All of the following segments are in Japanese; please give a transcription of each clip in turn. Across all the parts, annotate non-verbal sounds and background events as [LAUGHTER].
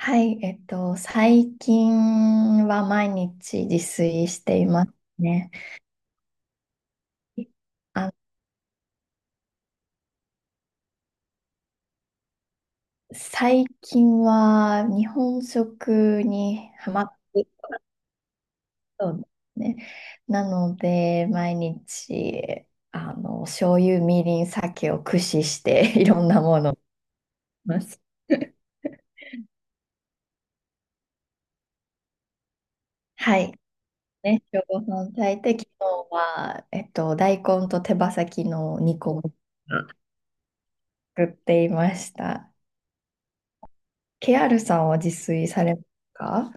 はい、最近は毎日自炊していますね。あ、最近は日本食にハマって、そうですね。なので、毎日、醤油、みりん、酒を駆使して [LAUGHS] いろんなものを作ります。[LAUGHS] はい。ね、今日ご飯炊いて、昨日は、大根と手羽先の煮込みを作っていました。ケアルさんは自炊されますか？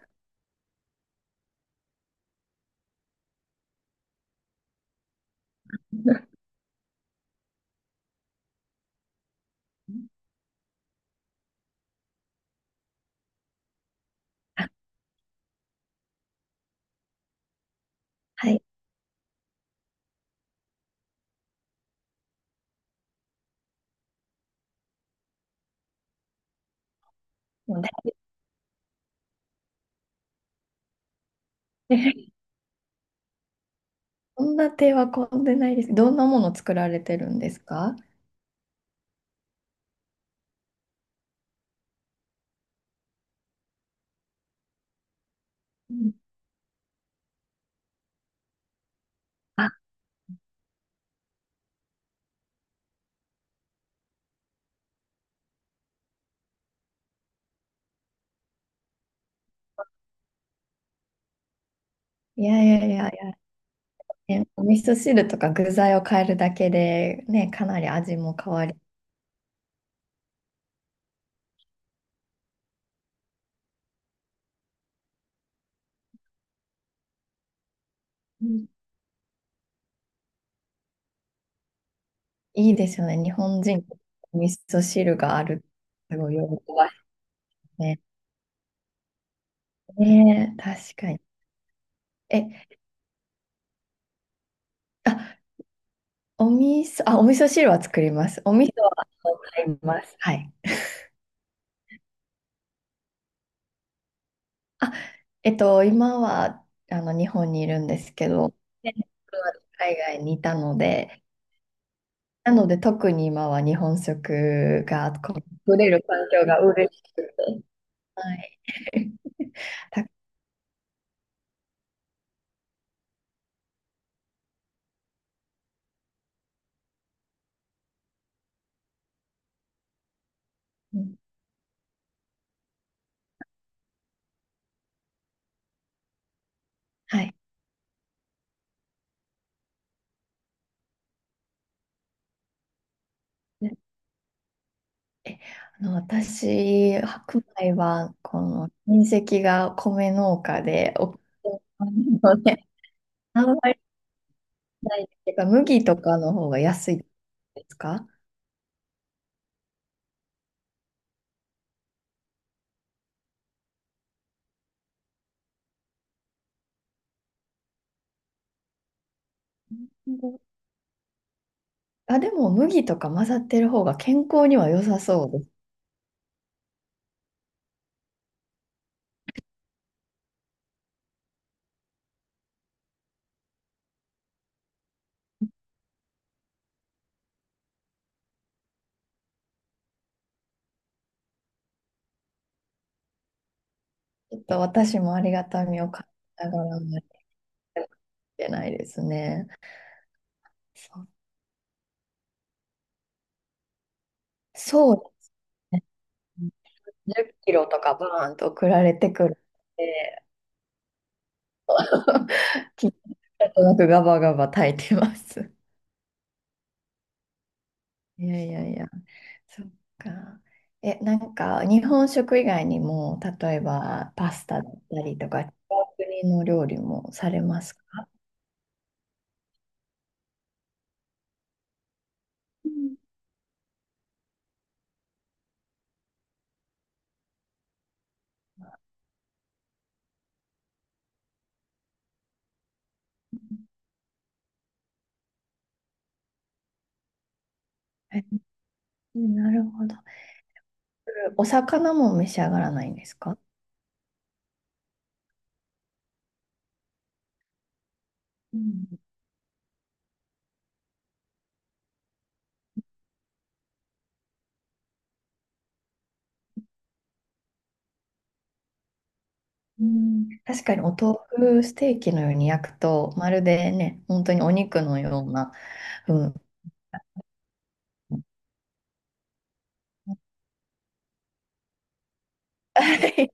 あ、はい。[LAUGHS] もうね。 [LAUGHS] そんな手は込んでないです。どんなもの作られてるんですか？うん。あ、いやいやいやいや、ね、お味噌汁とか具材を変えるだけで、ね、かなり味も変わり、うん、いいですよね。日本人、お味噌汁がある。すごい喜ばしいね。ねえ、確かに。え、あ、お味噌、あ、お味噌汁は作ります。お味噌は買います。はい。あ、今はあの日本にいるんですけど、前職は海外にいたので、なので特に今は日本食がこう取れる環境が嬉しくて。はい。[LAUGHS] た、はい。え、あの、私、白米は、この親戚が米農家で、お、あんまりないんですけど、麦とかの方が安いですか？あ、でも麦とか混ざってる方が健康には良さそうです。ちょっと私もありがたみを感じながらもやってないけないですね。そう、そうですね。10キロとかバーンと送られてくるので、[LAUGHS] 気になとなくガバガバ炊いてます。いやいやいや、そっか。え、なんか日本食以外にも、例えばパスタだったりとか、違う国の料理もされますか？うん。え、なるほど。お魚も召し上がらないんですか？うん、うん、確かにお豆腐ステーキのように焼くと、まるでね、本当にお肉のような、うん。[LAUGHS] はい、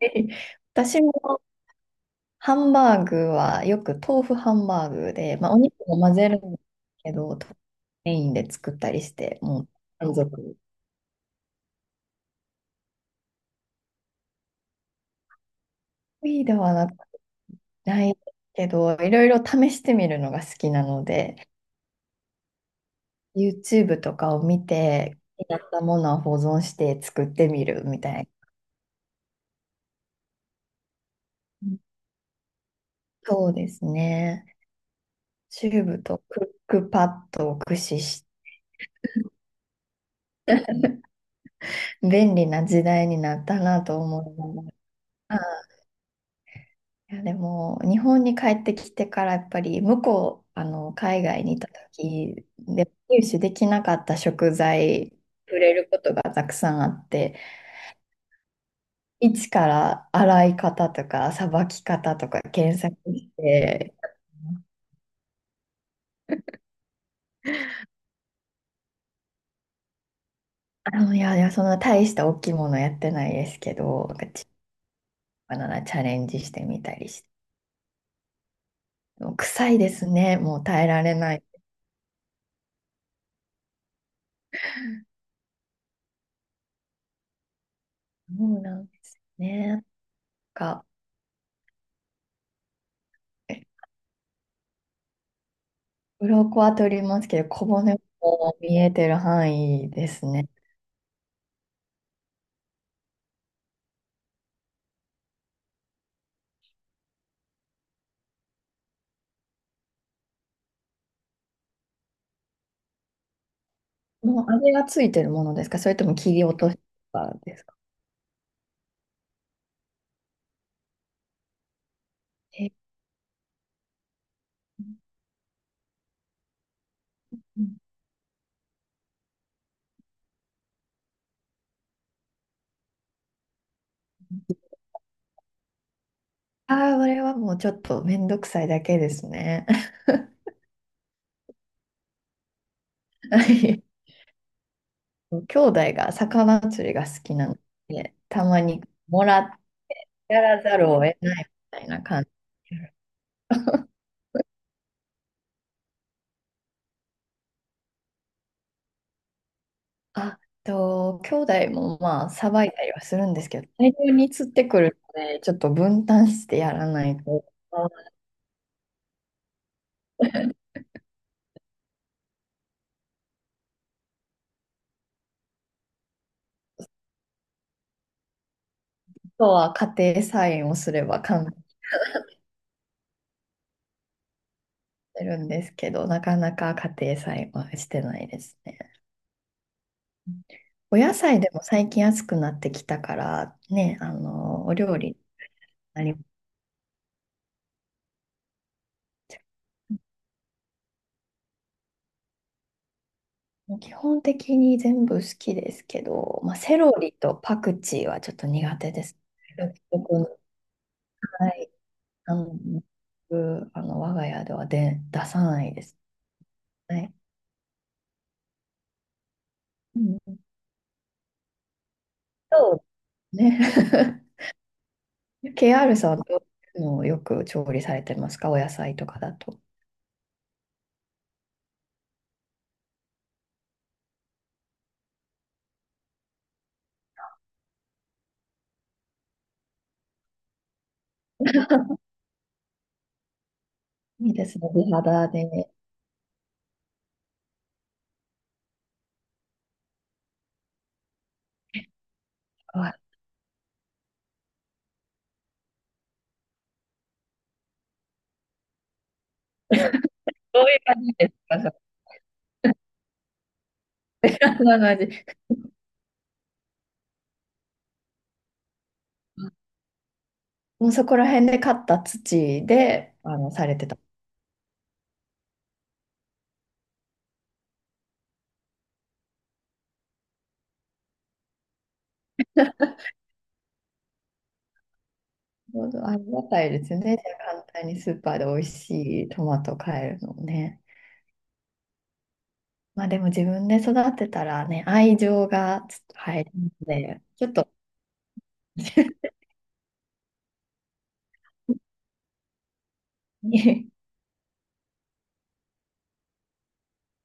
私もハンバーグはよく豆腐ハンバーグで、まあ、お肉も混ぜるんですけど、メインで作ったりして、もう満足。得意ではなくないけど、いろいろ試してみるのが好きなので、YouTube とかを見て、やったものを保存して作ってみるみたいな。そうですね。チューブとクックパッドを駆使し、便利な時代になったなと思う。あ、いやでも日本に帰ってきてからやっぱり向こう、あの、海外にいた時で入手できなかった食材触れることがたくさんあって、一から洗い方とかさばき方とか検索して、あの、いやいや、そんな大した大きいものやってないですけど、なんかちっななチャレンジしてみたりして。もう臭いですね。もう耐えられない。もうなんですね。なんか、え、鱗は取りますけど、小骨も見えてる範囲ですね。もうあれがついてるものですか、それとも切り落としたですか？え、ああー、あれはもうちょっとめんどくさいだけですね。[LAUGHS] 兄弟が魚釣りが好きなので、たまにもらっ、やらざるを得ないみたいな感じ。あと、兄弟もまあ、さばいたりはするんですけど、大量に釣ってくるので、ちょっと分担してやらないと、あとは家庭菜園をすれば簡単になるんですけど、なかなか家庭菜園はしてないですね。お野菜でも最近安くなってきたから、ね、お料理になり、基本的に全部好きですけど、まあ、セロリとパクチーはちょっと苦手です。独特、はい。あの、僕あの我が家ではで出さないです。はい。うん、そうね。[LAUGHS] KR さんはどういうのをよく調理されてますか？お野菜とかだと。いいですね。美肌で。あ、どういう感じですか？それそんな感じ。もうそこら辺で買った土で、されてた。ありがたいですね。簡単にスーパーで美味しいトマト買えるのもね。まあでも自分で育てたらね、愛情がちょっと入るので、ちょっと [LAUGHS] に、